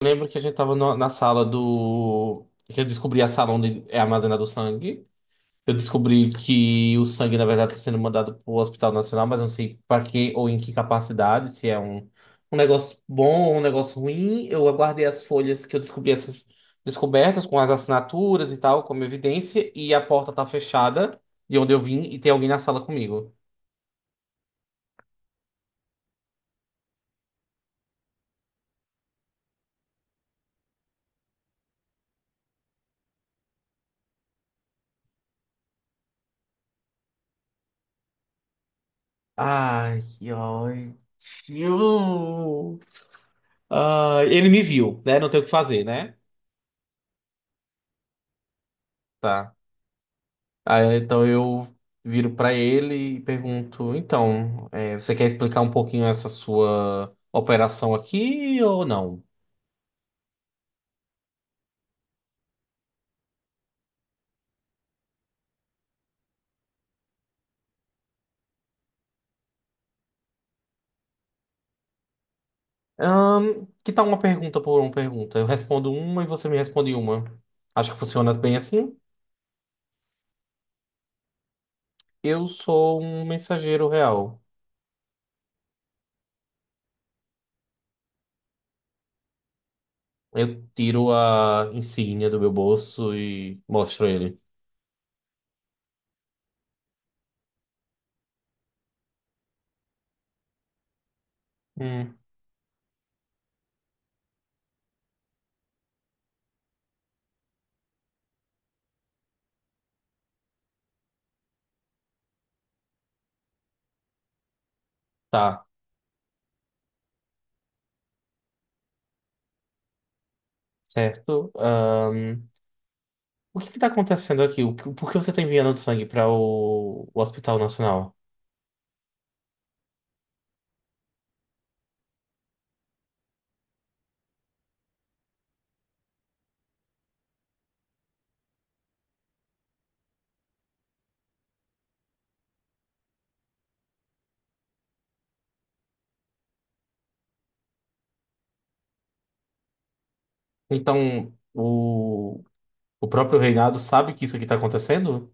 Eu lembro que a gente tava na sala do. Que eu descobri a sala onde é armazenado o sangue. Eu descobri que o sangue, na verdade, está sendo mandado para o Hospital Nacional, mas não sei para que ou em que capacidade, se é um negócio bom ou um negócio ruim. Eu aguardei as folhas que eu descobri essas descobertas com as assinaturas e tal, como evidência, e a porta tá fechada de onde eu vim e tem alguém na sala comigo. Ai, que ódio. Ai, ele me viu, né? Não tem o que fazer, né? Tá. Aí, então eu viro para ele e pergunto: então, você quer explicar um pouquinho essa sua operação aqui ou não? Que tal uma pergunta por uma pergunta? Eu respondo uma e você me responde uma. Acho que funciona bem assim. Eu sou um mensageiro real. Eu tiro a insígnia do meu bolso e mostro ele. Hum, tá, certo. O que que tá acontecendo aqui? Por que você tá enviando sangue para o Hospital Nacional? Então, o próprio reinado sabe que isso aqui está acontecendo?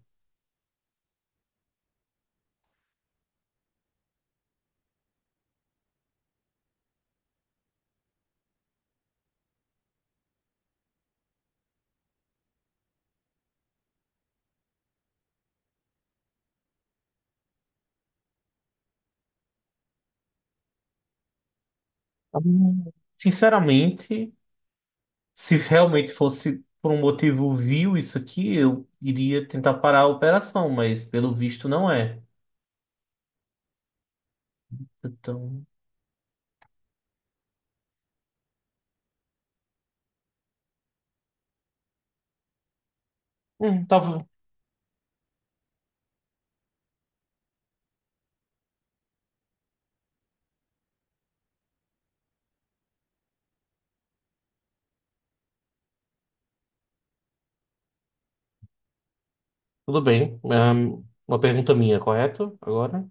Hum, Sinceramente, se realmente fosse por um motivo vil isso aqui, eu iria tentar parar a operação, mas pelo visto não é. Então, hum, tava- tudo bem. Uma pergunta minha, correto? Agora.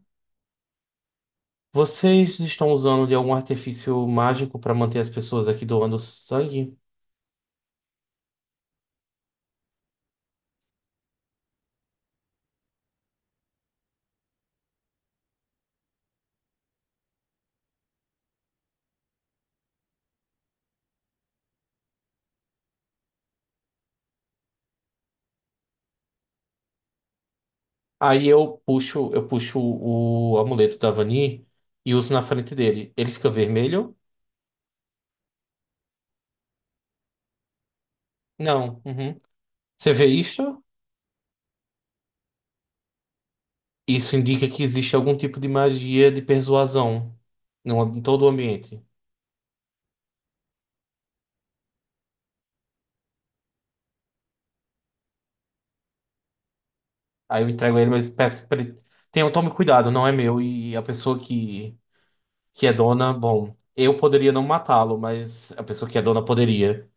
Vocês estão usando de algum artifício mágico para manter as pessoas aqui doando sangue? Aí eu puxo o amuleto da Vani e uso na frente dele. Ele fica vermelho? Não. Uhum. Você vê isso? Isso indica que existe algum tipo de magia de persuasão no, em todo o ambiente. Aí eu entrego ele, mas peço pra ele. Tome cuidado, não é meu. E a pessoa que é dona, bom, eu poderia não matá-lo, mas a pessoa que é dona poderia.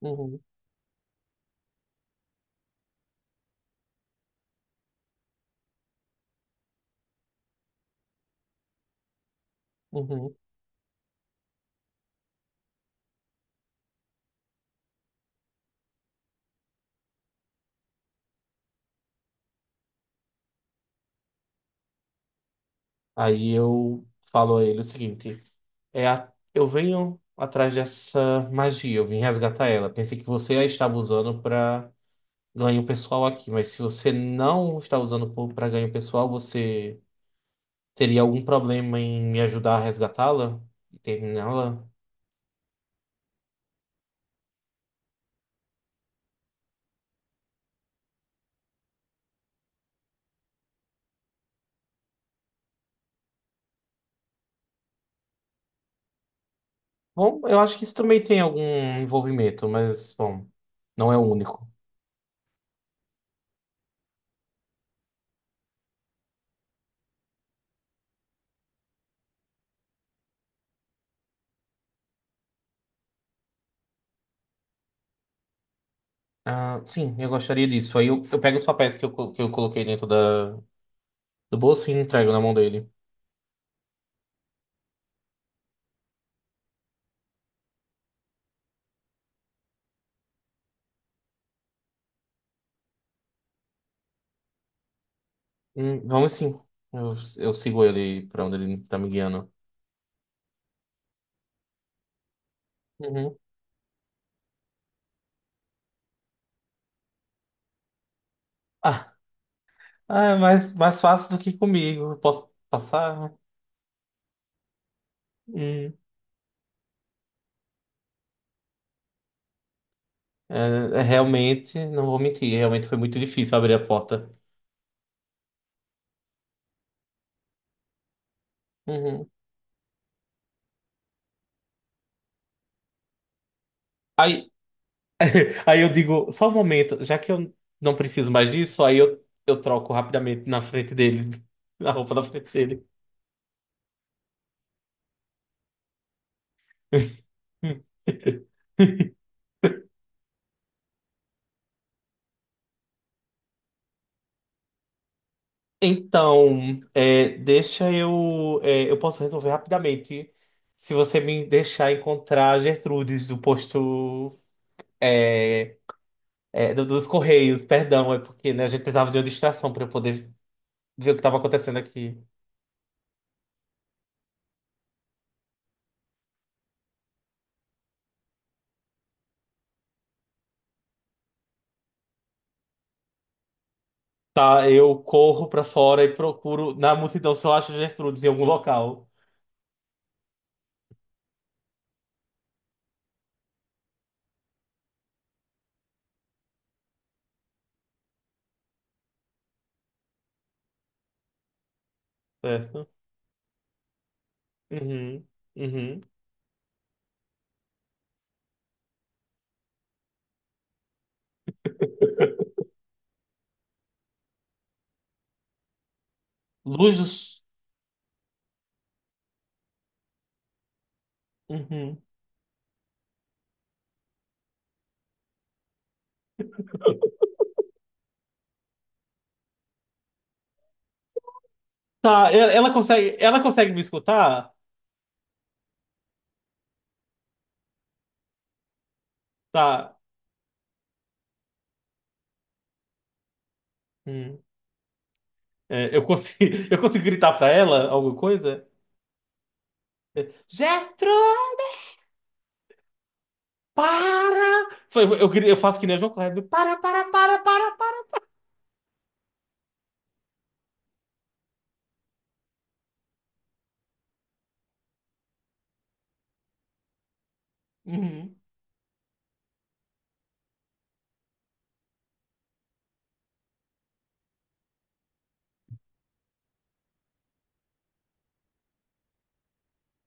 Uhum, uhum. Aí eu falo a ele o seguinte. Eu venho atrás dessa magia, eu vim resgatar ela. Pensei que você a estava usando para ganho pessoal aqui, mas se você não está usando para ganho pessoal, você teria algum problema em me ajudar a resgatá-la e terminá-la? Bom, eu acho que isso também tem algum envolvimento, mas, bom, não é o único. Ah, sim, eu gostaria disso. Aí eu pego os papéis que eu coloquei dentro do bolso e entrego na mão dele. Vamos sim. Eu sigo ele para onde ele está me guiando. Uhum. Ah, ah, é mais fácil do que comigo. Posso passar? Hum. É, realmente, não vou mentir, realmente foi muito difícil abrir a porta. Uhum. Aí, aí eu digo, só um momento, já que eu não preciso mais disso, aí eu troco rapidamente na roupa da frente dele. Então, deixa eu. Eu posso resolver rapidamente se você me deixar encontrar a Gertrudes do posto. é, Dos Correios, perdão, é porque né, a gente precisava de uma distração para eu poder ver o que estava acontecendo aqui. Tá, eu corro para fora e procuro na multidão se eu acho Gertrudes em algum local, certo? Uhum, uhum. Luz dos... Uhum. Tá, ela consegue me escutar? Tá. Uhum. Eu consigo, eu consigo gritar para ela alguma coisa? Gertrude, para! Eu faço que nem o João Kleber. Para, para, para, para, para. Uhum.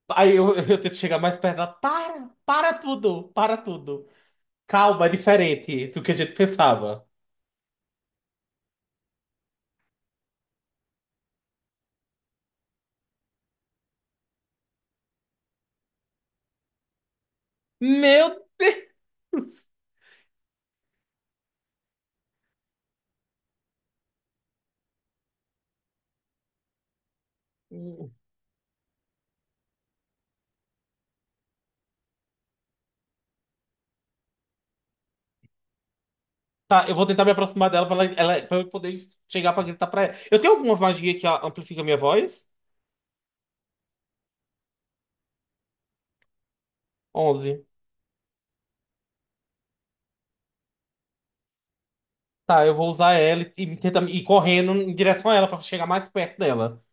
Aí eu, eu tento chegar mais perto dela. Para, para tudo, para tudo. Calma, é diferente do que a gente pensava. Meu Deus. Tá, eu vou tentar me aproximar dela pra eu poder chegar pra gritar pra ela. Eu tenho alguma magia que amplifica a minha voz? 11. Tá, eu vou usar ela e tentar ir correndo em direção a ela pra chegar mais perto dela.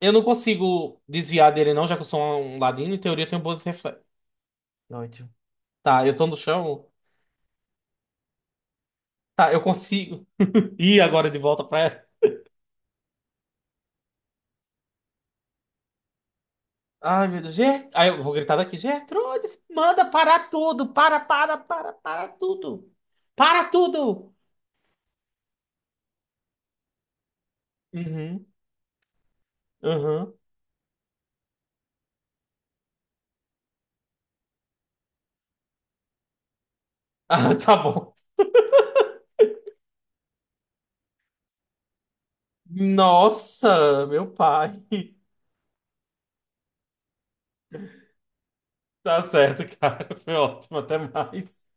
Eu não consigo desviar dele, não, já que eu sou um ladino. Em teoria, eu tenho bons reflexos. Noite. Tá, eu tô no chão. Tá, eu consigo ir agora de volta pra ela. Ai, meu Deus. Aí eu vou gritar daqui. Gertrudes, manda parar tudo. Para, para, para, para tudo. Para tudo. Uhum, uhum. Ah, tá bom. Nossa, meu pai. Tá certo, cara. Foi ótimo. Até mais.